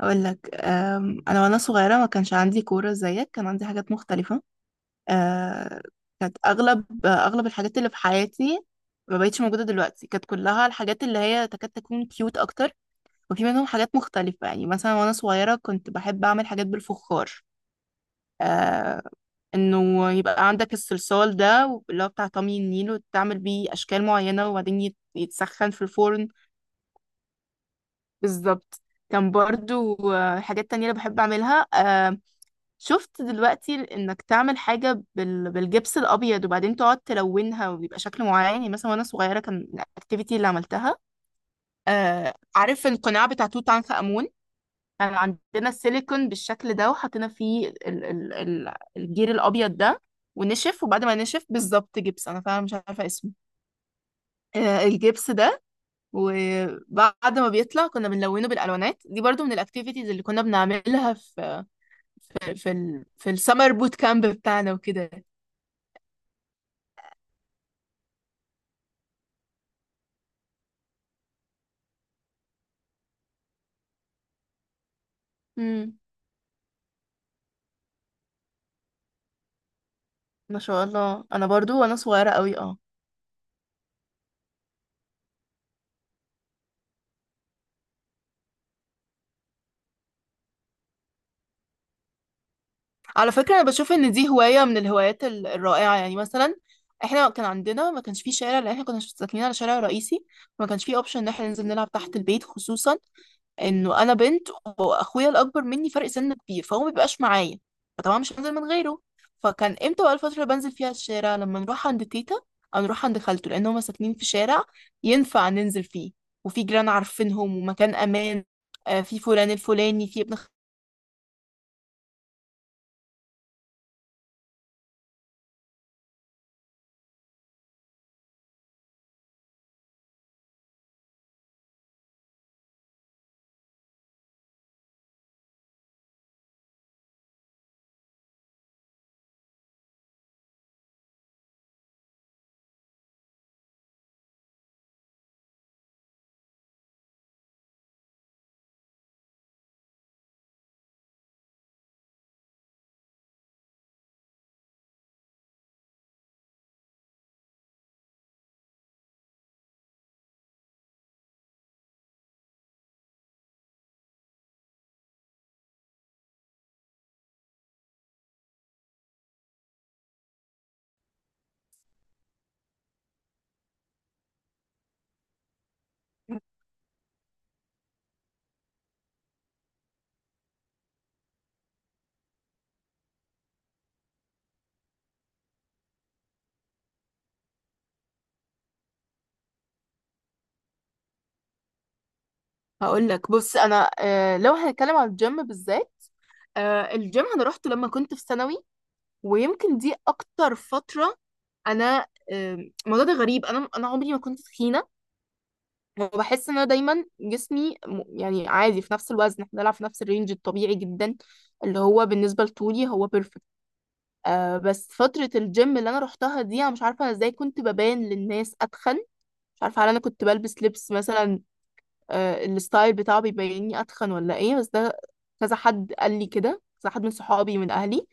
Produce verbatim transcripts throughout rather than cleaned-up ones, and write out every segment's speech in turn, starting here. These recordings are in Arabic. اقول لك أم، انا وانا صغيره ما كانش عندي كوره زيك، كان عندي حاجات مختلفه. أه، كانت اغلب اغلب الحاجات اللي في حياتي ما بقتش موجوده دلوقتي، كانت كلها الحاجات اللي هي تكاد تكون كيوت اكتر. وفي منهم حاجات مختلفه، يعني مثلا وانا صغيره كنت بحب اعمل حاجات بالفخار. أه، انه يبقى عندك الصلصال ده اللي هو بتاع طمي النيل، وتعمل بيه اشكال معينه وبعدين يت- يتسخن في الفرن بالظبط. كان برضو آه، حاجات تانية اللي بحب أعملها. آه، شفت دلوقتي انك تعمل حاجة بال... بالجبس الابيض وبعدين تقعد تلونها ويبقى شكل معين. يعني مثلا وانا صغيرة كان الاكتيفيتي اللي عملتها، آه... عارف القناع بتاع توت عنخ آمون، كان عندنا السيليكون بالشكل ده وحطينا فيه ال... ال... ال... الجير الابيض ده، ونشف وبعد ما نشف بالظبط. جبس، انا فعلا مش عارفة اسمه. آه... الجبس ده، وبعد ما بيطلع كنا بنلونه بالالوانات دي، برضو من الاكتيفيتيز اللي كنا بنعملها في في في, ال... في السمر بوت كامب بتاعنا وكده. مم. ما شاء الله، انا برضو وانا صغيره قوي اه. على فكره انا بشوف ان دي هوايه من الهوايات ال- الرائعه. يعني مثلا احنا كان عندنا، ما كانش فيه شارع لان احنا كنا ساكنين على شارع رئيسي، ما كانش فيه اوبشن ان احنا ننزل نلعب تحت البيت، خصوصا انه انا بنت واخويا الاكبر مني فرق سن كبير فهو ما بيبقاش معايا، فطبعا مش هنزل من غيره. فكان امتى بقى الفتره اللي بنزل فيها الشارع؟ لما نروح عند تيتا او نروح عند خالته، لان هما ساكنين في شارع ينفع ننزل فيه وفي جيران عارفينهم ومكان امان. آه، في فلان الفلاني، في ابن. هقول لك بص، انا آه، لو هنتكلم عن الجيم بالذات، آه، الجيم انا روحته لما كنت في ثانوي، ويمكن دي اكتر فتره انا آم، الموضوع ده غريب. انا انا عمري ما كنت تخينه، وبحس ان انا دايما جسمي م- يعني عادي في نفس الوزن، احنا بنلعب في نفس الرينج الطبيعي جدا اللي هو بالنسبه لطولي هو بيرفكت. آه بس فتره الجيم اللي انا روحتها دي، انا مش عارفه ازاي كنت ببان للناس اتخن. مش عارفه هل انا كنت بلبس لبس مثلا، آه، الستايل بتاعه بيبيني اتخن ولا ايه، بس ده كذا حد قال لي كده، كذا حد من صحابي من اهلي.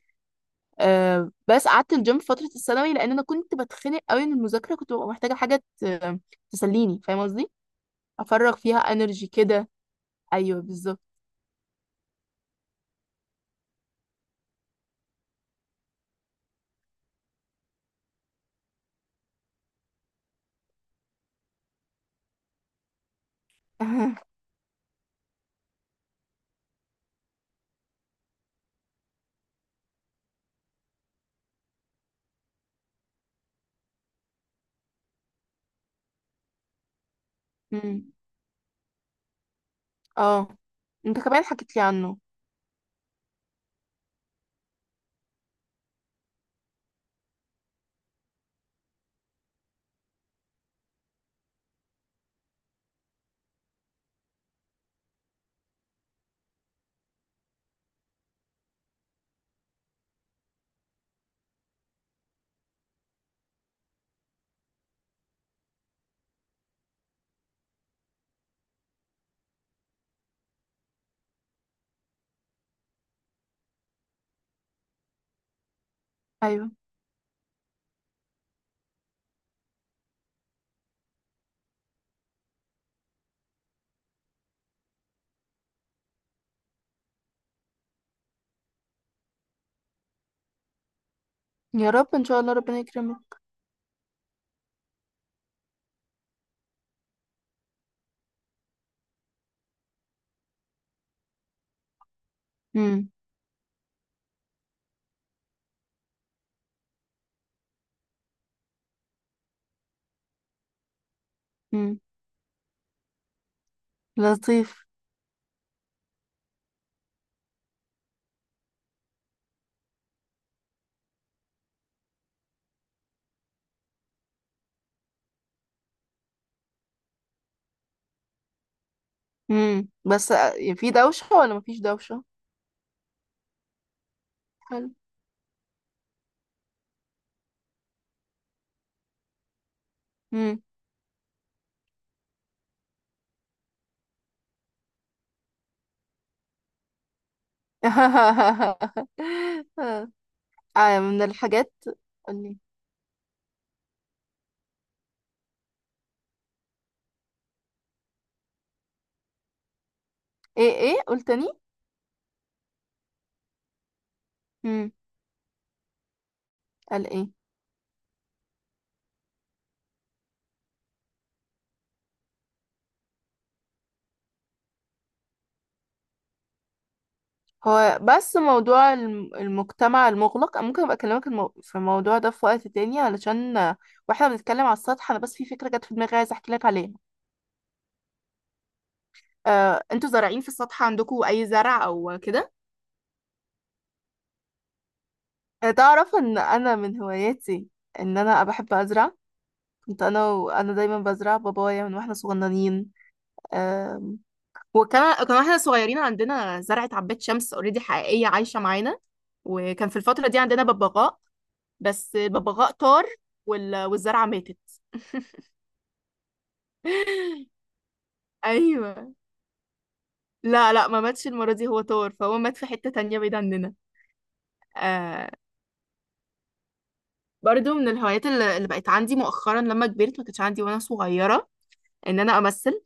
آه، بس قعدت الجيم في فترة الثانوي لأن أنا كنت بتخنق قوي من المذاكرة، كنت ببقى محتاجة حاجة ت- تسليني، فاهم قصدي؟ أفرغ فيها انرجي كده. أيوه بالظبط. مم. اه، أنت كمان حكيت لي عنه. أيوه، يا رب إن شاء الله ربنا يكرمك. مم. مم. لطيف. مم. بس آه، في دوشة ولا مفيش دوشة؟ حلو. آه من الحاجات، قال لي ايه؟ ايه قلت تاني؟ امم، قال ايه؟ هو بس موضوع الم- المجتمع المغلق، أنا ممكن ابقى اكلمك المو... في الموضوع ده في وقت تاني، علشان آه، واحنا بنتكلم على السطح انا بس في فكرة جت في دماغي عايزة احكي لك عليها. آه، انتوا زارعين في السطح عندكم اي زرع او كده؟ آه، تعرف ان انا من هواياتي ان انا بحب ازرع؟ كنت انا وانا دايما بزرع بابايا من واحنا صغننين. آه، وكان كان واحنا صغيرين عندنا زرعة عباد شمس اوريدي حقيقية عايشة معانا. وكان في الفترة دي عندنا ببغاء، بس الببغاء طار وال... والزرعة ماتت. ايوه، لا لا ما ماتش المرة دي، هو طار فهو مات في حتة تانية بعيد عننا. آه برضو من الهوايات اللي اللي بقت عندي مؤخرا لما كبرت، ما كانتش عندي وانا صغيرة، ان انا امثل.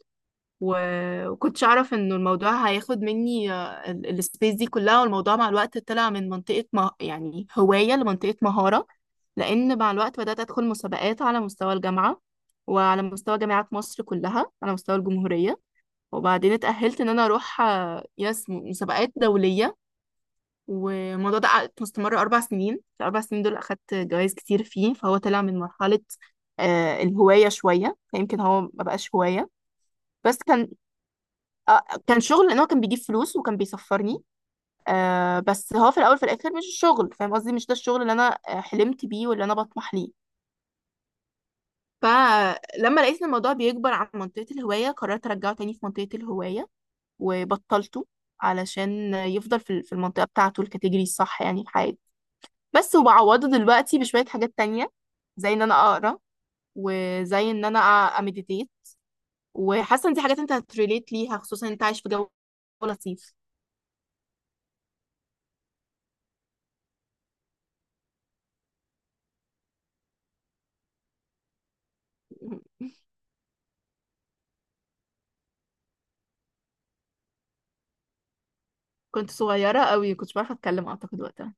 و- وكنتش اعرف انه الموضوع هياخد مني آه، ال- السبيس دي كلها. والموضوع مع الوقت طلع من منطقة مه... يعني هواية لمنطقة مهارة، لان مع الوقت بدأت ادخل مسابقات على مستوى الجامعة، وعلى مستوى جامعات مصر كلها، على مستوى الجمهورية. وبعدين اتأهلت ان انا اروح آه، يس مسابقات دولية. والموضوع ده قعد مستمر أربع سنين، في الأربع سنين دول أخدت جوائز كتير فيه، فهو طلع من مرحلة آه، الهواية شوية. يمكن هو مبقاش هواية، بس كان آه، كان شغل، لان هو كان بيجيب فلوس وكان بيسفرني. آه بس هو في الاول في الاخر مش الشغل، فاهم قصدي؟ مش ده الشغل اللي انا آه، حلمت بيه واللي انا بطمح ليه. فلما لقيت ان الموضوع بيكبر عن منطقة الهواية، قررت ارجعه تاني في منطقة الهواية وبطلته، علشان يفضل في في المنطقة بتاعته الكاتيجوري الصح يعني في حياتي. بس وبعوضه دلوقتي بشوية حاجات تانية، زي ان انا اقرا، وزي ان انا امديتيت. وحاسة ان دي حاجات انت هتريليت ليها، خصوصا انت عايش في جو لطيف. كنت صغيرة قوي كنتش بعرف اتكلم اعتقد وقتها.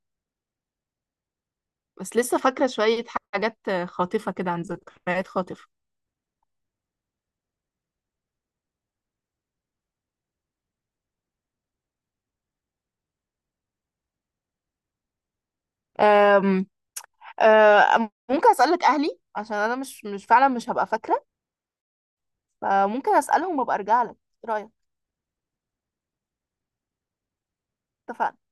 بس لسه فاكرة شوية حاجات خاطفة كده، عن ذكريات خاطفة. أم، أم ممكن اسألك اهلي، عشان انا مش مش فعلا مش هبقى فاكرة، فممكن اسألهم وابقى ارجع لك، ايه رأيك؟ اتفقنا.